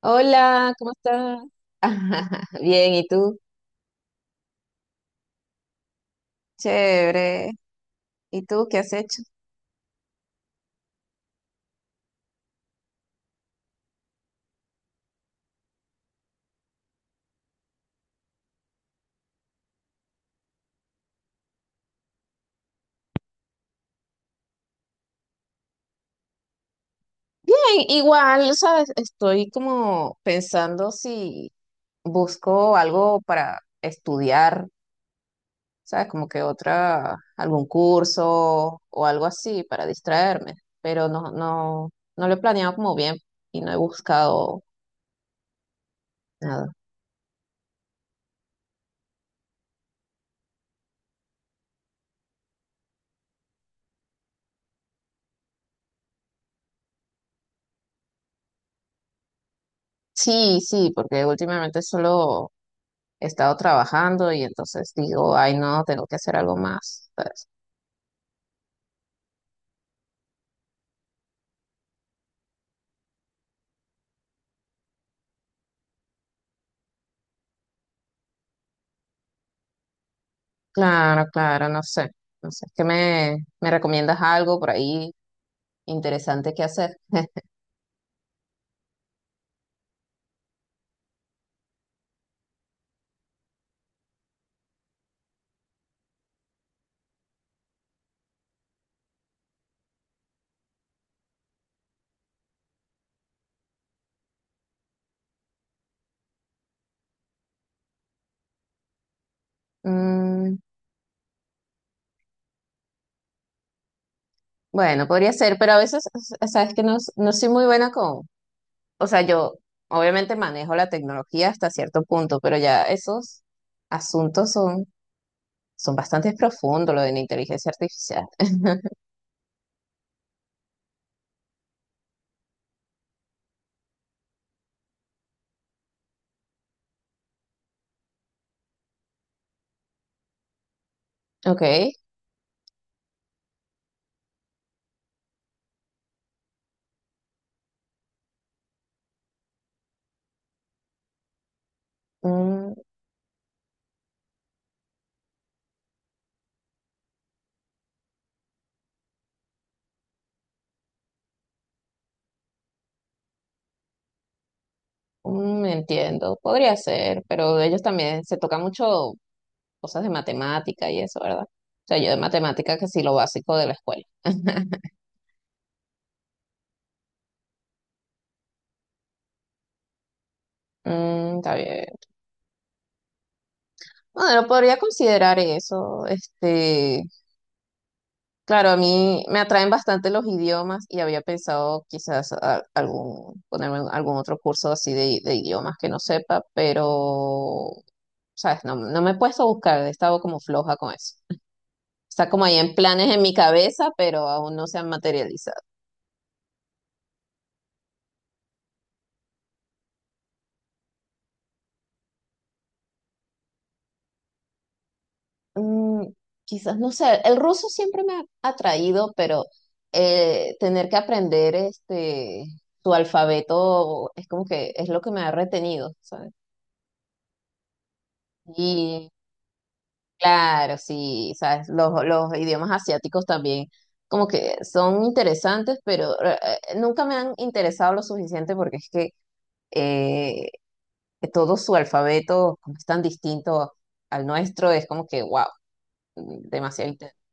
Hola, ¿cómo estás? Bien, ¿y tú? Chévere. ¿Y tú qué has hecho? Bien, igual, ¿sabes? Estoy como pensando si busco algo para estudiar, ¿sabes? Como que otra, algún curso o algo así para distraerme, pero no, no, no lo he planeado como bien y no he buscado nada. Sí, sí, porque últimamente solo he estado trabajando y entonces digo, ay, no, tengo que hacer algo más. ¿Sabes? Claro, claro, no sé. No sé, ¿qué me recomiendas algo por ahí interesante que hacer? Mm, bueno, podría ser, pero a veces, o sea, que no, no soy muy buena con, o sea, yo obviamente manejo la tecnología hasta cierto punto, pero ya esos asuntos son, son bastante profundos, lo de la inteligencia artificial. Ok. mm, entiendo, podría ser, pero ellos también se toca mucho cosas de matemática y eso, ¿verdad? O sea, yo de matemática que sí lo básico de la escuela. Mm, está bien. Bueno, podría considerar eso. Claro, a mí me atraen bastante los idiomas y había pensado quizás algún, ponerme en algún otro curso así de idiomas que no sepa, pero, sabes, no, no me he puesto a buscar, he estado como floja con eso. Está como ahí en planes en mi cabeza, pero aún no se han materializado. Mm, quizás, no sé, el ruso siempre me ha atraído, pero tener que aprender este tu alfabeto es como que es lo que me ha retenido, ¿sabes? Y claro, sí, ¿sabes? Los idiomas asiáticos también como que son interesantes, pero nunca me han interesado lo suficiente porque es que eh, todo su alfabeto como es tan distinto al nuestro, es como que, wow, demasiado interesante.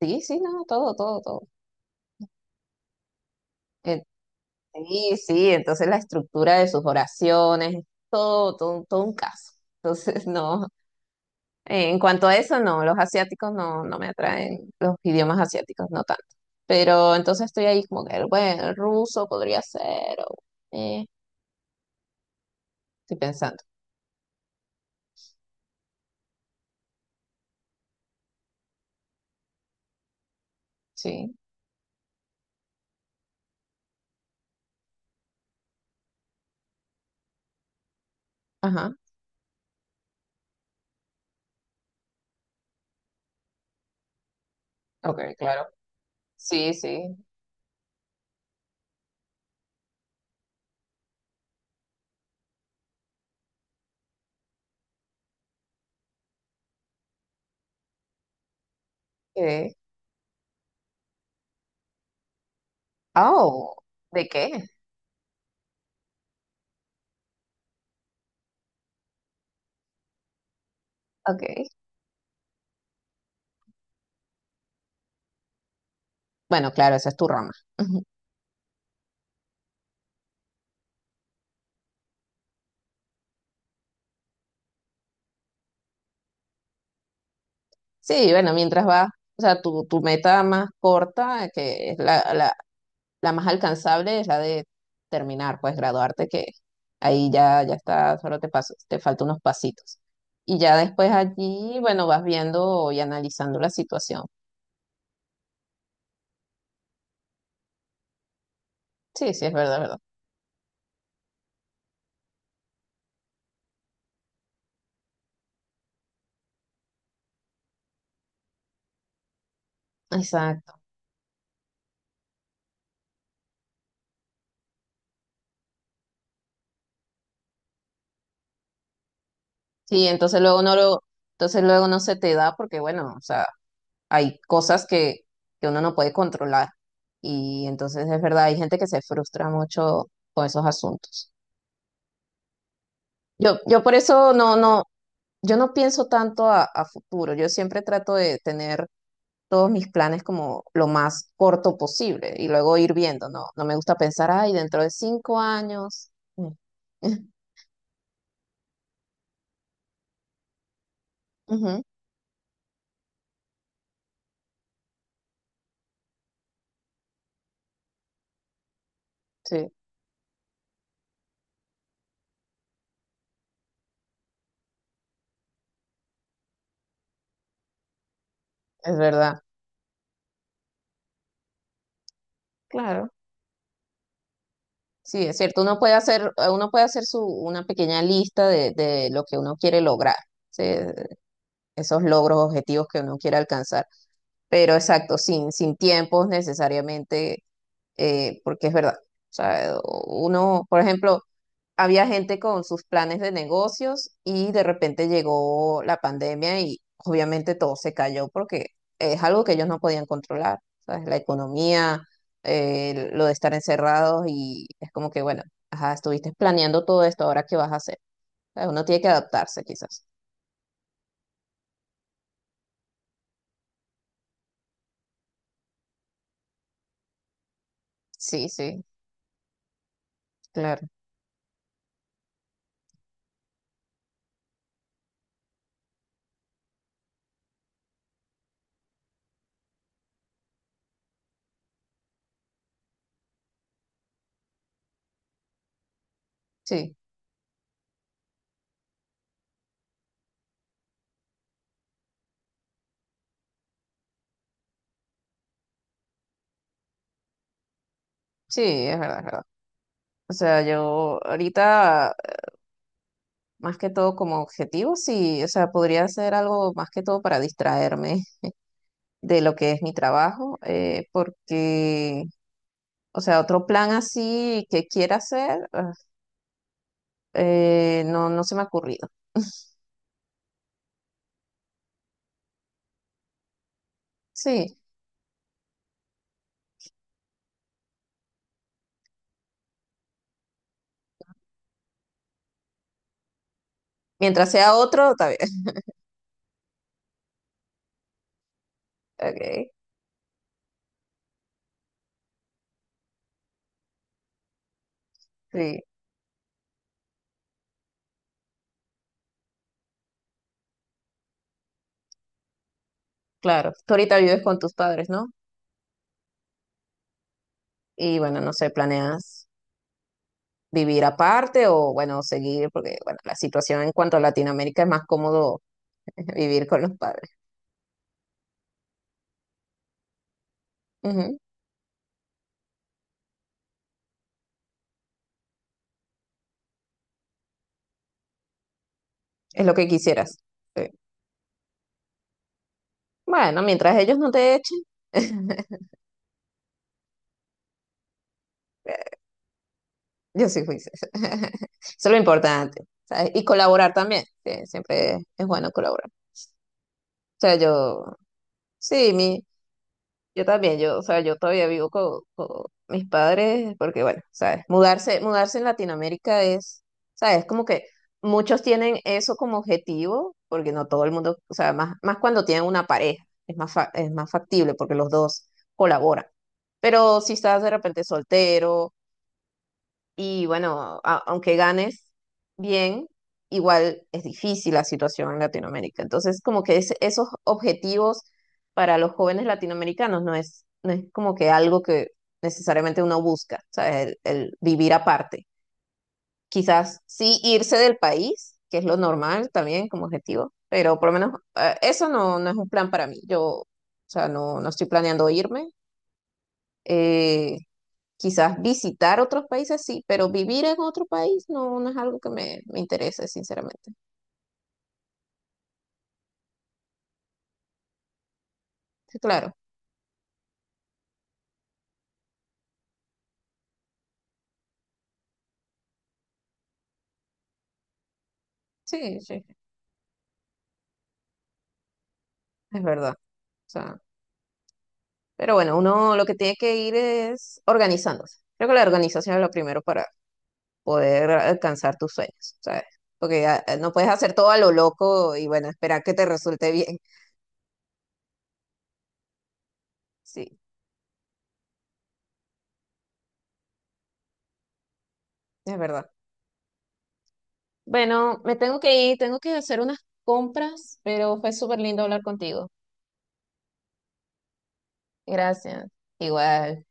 Sí, sí, no, todo, todo, todo. Eh, Sí, sí, entonces la estructura de sus oraciones, todo, todo, todo un caso. Entonces, no, en cuanto a eso, no, los asiáticos no, no me atraen, los idiomas asiáticos no tanto. Pero entonces estoy ahí como que, bueno, el ruso podría ser, o, eh, estoy pensando, sí, ajá, ok, claro. Sí, sí, eh, oh, ¿de qué? Ok, bueno, claro, esa es tu rama. Sí, bueno, mientras va, o sea, tu meta más corta, que es la la más alcanzable es la de terminar, pues graduarte, que ahí ya, ya está, solo te paso, te faltan unos pasitos. Y ya después allí, bueno, vas viendo y analizando la situación. Sí, sí, es verdad, es verdad. Exacto. Sí, entonces luego no lo, entonces luego no se te da porque, bueno, o sea, hay cosas que uno no puede controlar. Y entonces es verdad, hay gente que se frustra mucho con esos asuntos. Yo por eso no, no, yo no pienso tanto a futuro. Yo siempre trato de tener todos mis planes como lo más corto posible y luego ir viendo, ¿no? No me gusta pensar, ay, dentro de 5 años. Mm. Ujú. Sí, es verdad. Claro. Sí, es cierto. Uno puede hacer su, una pequeña lista de lo que uno quiere lograr, ¿sí? Esos logros, objetivos que uno quiere alcanzar. Pero exacto, sin, sin tiempos necesariamente, porque es verdad. O sea, uno, por ejemplo, había gente con sus planes de negocios y de repente llegó la pandemia y obviamente todo se cayó porque es algo que ellos no podían controlar, ¿sabes? La economía, lo de estar encerrados y es como que, bueno, ajá, estuviste planeando todo esto, ahora qué vas a hacer. ¿Sabes? Uno tiene que adaptarse quizás. Sí, sí, claro, sí, sí, es verdad, es verdad. O sea, yo ahorita, más que todo como objetivo, sí, o sea, podría ser algo más que todo para distraerme de lo que es mi trabajo, porque, o sea, otro plan así que quiera hacer, ah, no, no se me ha ocurrido. Sí, mientras sea otro, está bien. Ok, sí, claro. Tú ahorita vives con tus padres, ¿no? Y bueno, no sé, ¿planeas vivir aparte o, bueno, seguir? Porque, bueno, la situación en cuanto a Latinoamérica es más cómodo vivir con los padres. Ujú. Es lo que quisieras. Sí. Bueno, mientras ellos no te echen. Yo soy juiciosa. Eso es lo importante, ¿sabes? Y colaborar también, que siempre es bueno colaborar. O sea, yo, sí, mi, yo también, yo, o sea, yo todavía vivo con mis padres, porque bueno, ¿sabes? Mudarse, mudarse en Latinoamérica es, ¿sabes? Como que muchos tienen eso como objetivo, porque no todo el mundo, o sea, más, más cuando tienen una pareja, es más, es más factible porque los dos colaboran. Pero si estás de repente soltero, y bueno, aunque ganes bien, igual es difícil la situación en Latinoamérica. Entonces, como que esos objetivos para los jóvenes latinoamericanos no es, no es como que algo que necesariamente uno busca, ¿sabes? El vivir aparte. Quizás sí irse del país, que es lo normal también como objetivo, pero por lo menos eso no, no es un plan para mí. Yo, o sea, no, no estoy planeando irme. Eh, Quizás visitar otros países sí, pero vivir en otro país no, no es algo que me interese, sinceramente. Sí, claro, sí, sí, es verdad. O sea, pero bueno, uno lo que tiene que ir es organizándose. Creo que la organización es lo primero para poder alcanzar tus sueños, ¿sabes? Porque ah, no puedes hacer todo a lo loco y bueno, esperar que te resulte bien. Sí, es verdad. Bueno, me tengo que ir, tengo que hacer unas compras, pero fue súper lindo hablar contigo. Gracias. Igual.